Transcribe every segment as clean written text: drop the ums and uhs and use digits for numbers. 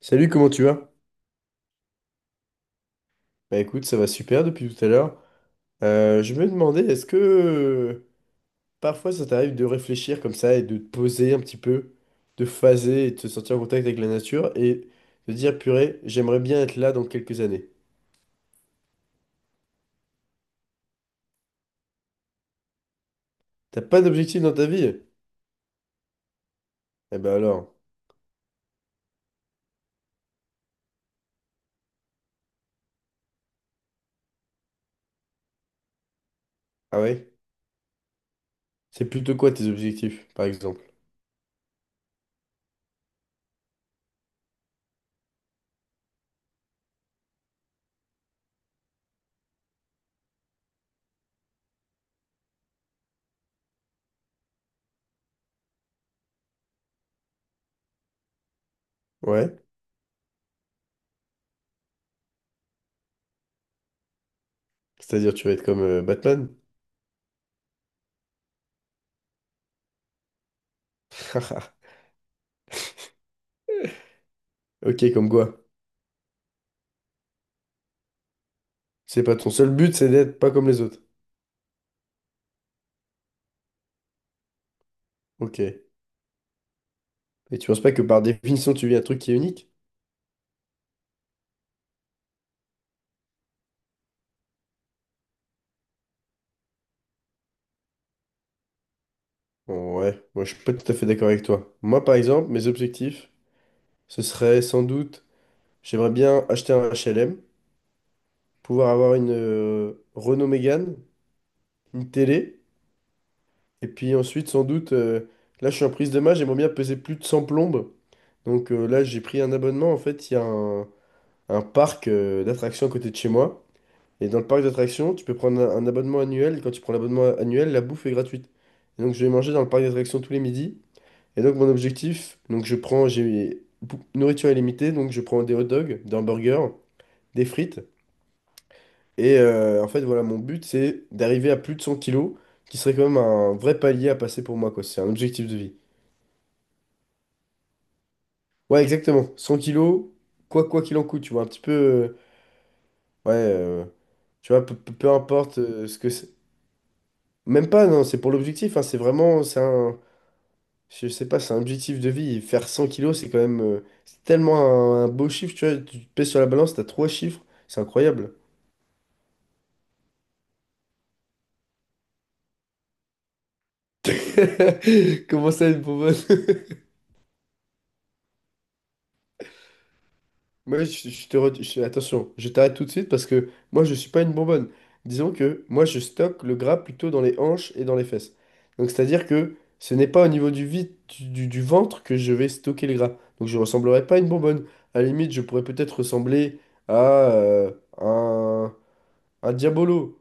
Salut, comment tu vas? Bah écoute, ça va super depuis tout à l'heure. Je me demandais, est-ce que parfois ça t'arrive de réfléchir comme ça et de te poser un petit peu, de phaser et de te sentir en contact avec la nature et de dire, purée, j'aimerais bien être là dans quelques années. T'as pas d'objectif dans ta vie? Eh ben alors, ah ouais? C'est plutôt quoi tes objectifs, par exemple? Ouais? C'est-à-dire tu vas être comme Batman? Ok, comme quoi? C'est pas ton seul but, c'est d'être pas comme les autres. Ok. Et tu penses pas que par définition, tu vis un truc qui est unique? Ouais, moi je suis pas tout à fait d'accord avec toi. Moi par exemple, mes objectifs, ce serait sans doute, j'aimerais bien acheter un HLM, pouvoir avoir une Renault Mégane, une télé, et puis ensuite sans doute, là je suis en prise de main, j'aimerais bien peser plus de 100 plombes. Donc là j'ai pris un abonnement, en fait il y a un parc d'attractions à côté de chez moi. Et dans le parc d'attractions, tu peux prendre un abonnement annuel, et quand tu prends l'abonnement annuel, la bouffe est gratuite. Et donc je vais manger dans le parc d'attractions tous les midis. Et donc, mon objectif, donc je prends, nourriture illimitée, donc je prends des hot dogs, des hamburgers, des frites. Et en fait, voilà, mon but, c'est d'arriver à plus de 100 kilos, qui serait quand même un vrai palier à passer pour moi, quoi. C'est un objectif de vie. Ouais, exactement. 100 kilos, quoi qu'il en coûte, tu vois, un petit peu. Ouais, tu vois, peu importe ce que c'est. Même pas, non, c'est pour l'objectif, hein, c'est vraiment, c'est un, je sais pas, c'est un objectif de vie. Faire 100 kilos, c'est quand même c'est tellement un beau chiffre, tu vois. Tu te pèses sur la balance, t'as trois chiffres, c'est incroyable. Comment ça, une bonbonne? Moi, je te re- je- attention, je t'arrête tout de suite parce que moi, je suis pas une bonbonne. Disons que moi, je stocke le gras plutôt dans les hanches et dans les fesses. Donc, c'est-à-dire que ce n'est pas au niveau du vide du ventre que je vais stocker le gras. Donc, je ressemblerai pas à une bonbonne. À la limite, je pourrais peut-être ressembler à un, un diabolo.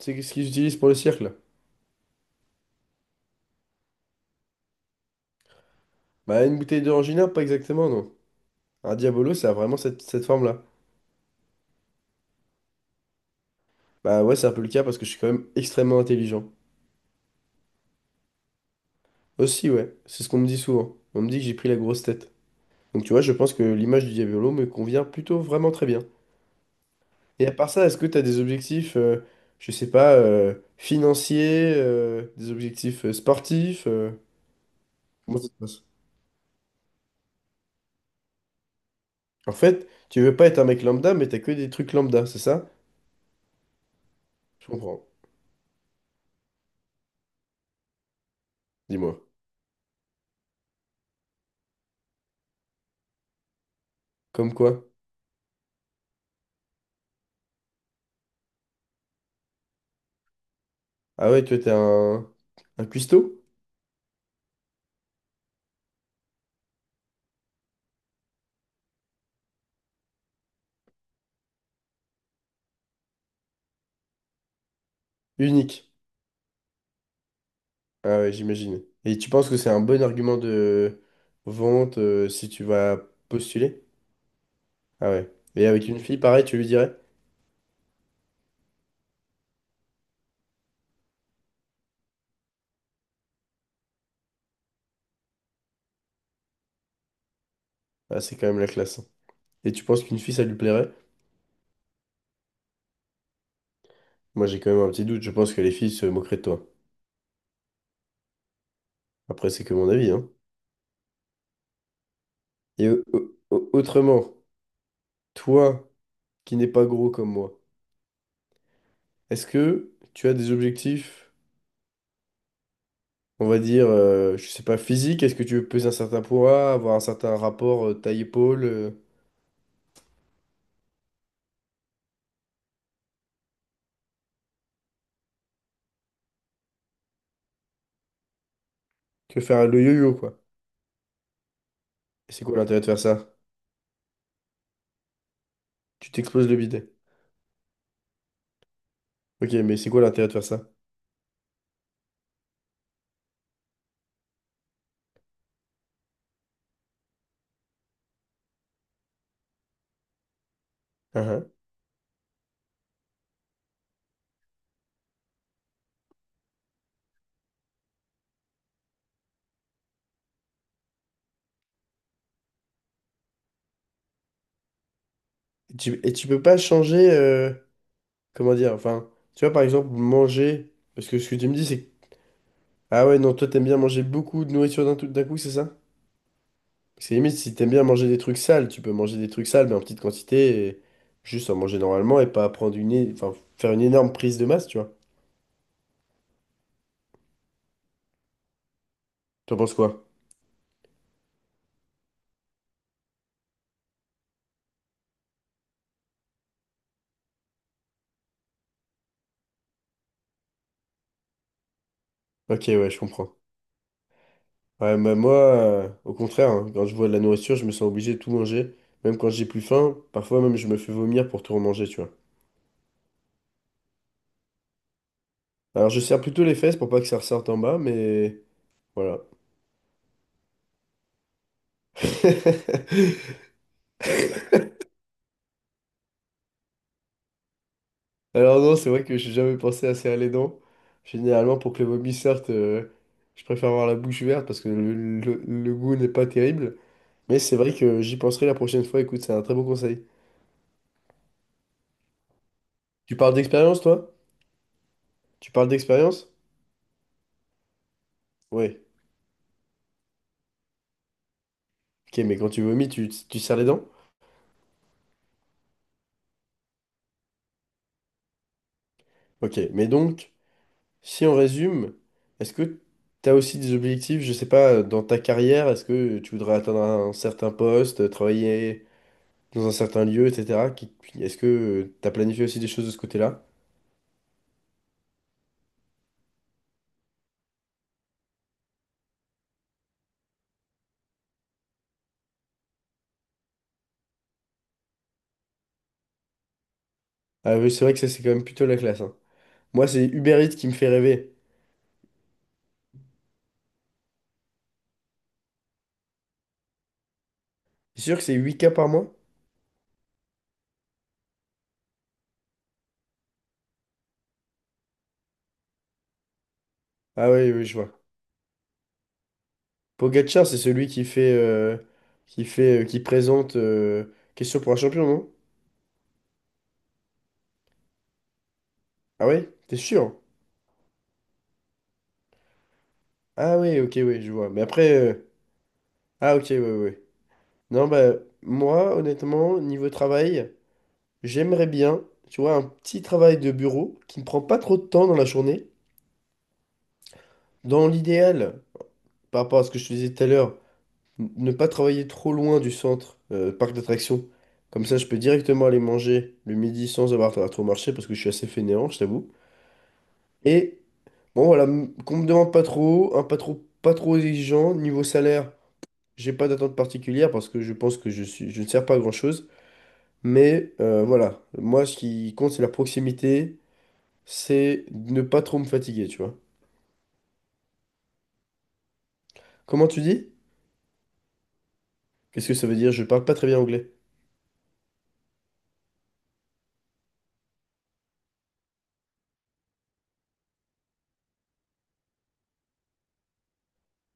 C'est ce qu'ils utilisent pour le cirque, là? Bah, une bouteille d'orangina, pas exactement, non. Un diabolo, ça a vraiment cette forme-là. Bah ouais, c'est un peu le cas parce que je suis quand même extrêmement intelligent. Aussi, ouais, c'est ce qu'on me dit souvent. On me dit que j'ai pris la grosse tête. Donc tu vois, je pense que l'image du diabolo me convient plutôt vraiment très bien. Et à part ça, est-ce que t'as des objectifs, je sais pas, financiers, des objectifs sportifs. Comment ça se passe? En fait, tu veux pas être un mec lambda, mais t'as que des trucs lambda, c'est ça? Je comprends. Dis-moi. Comme quoi? Ah ouais, toi, t'es un cuistot unique. Ah ouais, j'imagine. Et tu penses que c'est un bon argument de vente si tu vas postuler? Ah ouais. Et avec une fille, pareil, tu lui dirais? Ah, c'est quand même la classe, hein. Et tu penses qu'une fille, ça lui plairait? Moi, j'ai quand même un petit doute. Je pense que les filles se moqueraient de toi. Après, c'est que mon avis, hein. Et autrement, toi, qui n'es pas gros comme moi, est-ce que tu as des objectifs, on va dire, je sais pas, physiques? Est-ce que tu veux peser un certain poids, avoir un certain rapport taille-épaule? Que faire le yo-yo, quoi. Et c'est quoi l'intérêt de faire ça? Tu t'exploses le bide. Ok, mais c'est quoi l'intérêt de faire ça? Hein, hein. Et tu peux pas changer, comment dire, enfin, tu vois, par exemple, manger, parce que ce que tu me dis, c'est que, ah ouais, non, toi, t'aimes bien manger beaucoup de nourriture d'un coup, c'est ça? Parce que limite, si t'aimes bien manger des trucs sales, tu peux manger des trucs sales, mais en petite quantité, et juste en manger normalement et pas prendre une, enfin, faire une énorme prise de masse, tu vois. T'en penses quoi? Ok, ouais, je comprends. Ouais, bah, moi, au contraire, hein, quand je vois de la nourriture, je me sens obligé de tout manger. Même quand j'ai plus faim, parfois même je me fais vomir pour tout remanger, tu vois. Alors je serre plutôt les fesses pour pas que ça ressorte en bas, mais voilà. Alors non, c'est vrai que j'ai jamais pensé à serrer les dents. Généralement, pour que le vomi sorte, je préfère avoir la bouche ouverte parce que le goût n'est pas terrible. Mais c'est vrai que j'y penserai la prochaine fois. Écoute, c'est un très bon conseil. Tu parles d'expérience, toi? Tu parles d'expérience? Ouais. Ok, mais quand tu vomis, tu serres les dents? Ok, mais donc, si on résume, est-ce que tu as aussi des objectifs, je sais pas, dans ta carrière? Est-ce que tu voudrais atteindre un certain poste, travailler dans un certain lieu, etc. Est-ce que tu as planifié aussi des choses de ce côté-là? Ah oui, c'est vrai que ça, c'est quand même plutôt la classe, hein. Moi, c'est Uber Eats qui me fait rêver. C'est sûr que c'est 8K par mois? Ah oui, oui, je vois. Pogacar, c'est celui qui fait, qui présente Question pour un champion, non? Ah oui? T'es sûr? Ah oui, ok, oui, je vois. Mais après, ah ok, oui, oui. Non, bah, moi, honnêtement, niveau travail, j'aimerais bien, tu vois, un petit travail de bureau qui ne prend pas trop de temps dans la journée. Dans l'idéal, par rapport à ce que je te disais tout à l'heure, ne pas travailler trop loin du centre, parc d'attractions. Comme ça, je peux directement aller manger le midi sans avoir à trop marcher parce que je suis assez fainéant, je t'avoue. Et bon, voilà, qu'on me demande pas trop, pas trop exigeant. Niveau salaire, j'ai pas d'attente particulière parce que je pense que je suis, je ne sers pas à grand-chose. Mais voilà, moi, ce qui compte, c'est la proximité, c'est ne pas trop me fatiguer, tu vois. Comment tu dis? Qu'est-ce que ça veut dire? Je parle pas très bien anglais.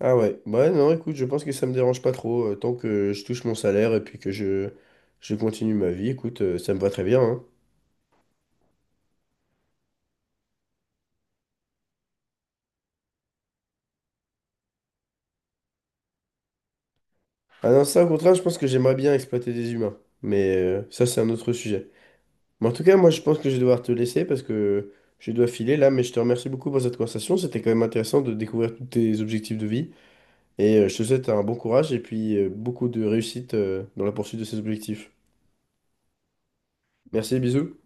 Ah ouais, bah ouais, non, écoute, je pense que ça me dérange pas trop, tant que je touche mon salaire et puis je continue ma vie, écoute, ça me va très bien, hein. Ah non, ça au contraire, je pense que j'aimerais bien exploiter des humains, mais ça c'est un autre sujet. Mais en tout cas, moi je pense que je vais devoir te laisser parce que je dois filer là, mais je te remercie beaucoup pour cette conversation, c'était quand même intéressant de découvrir tous tes objectifs de vie, et je te souhaite un bon courage et puis beaucoup de réussite dans la poursuite de ces objectifs. Merci, bisous.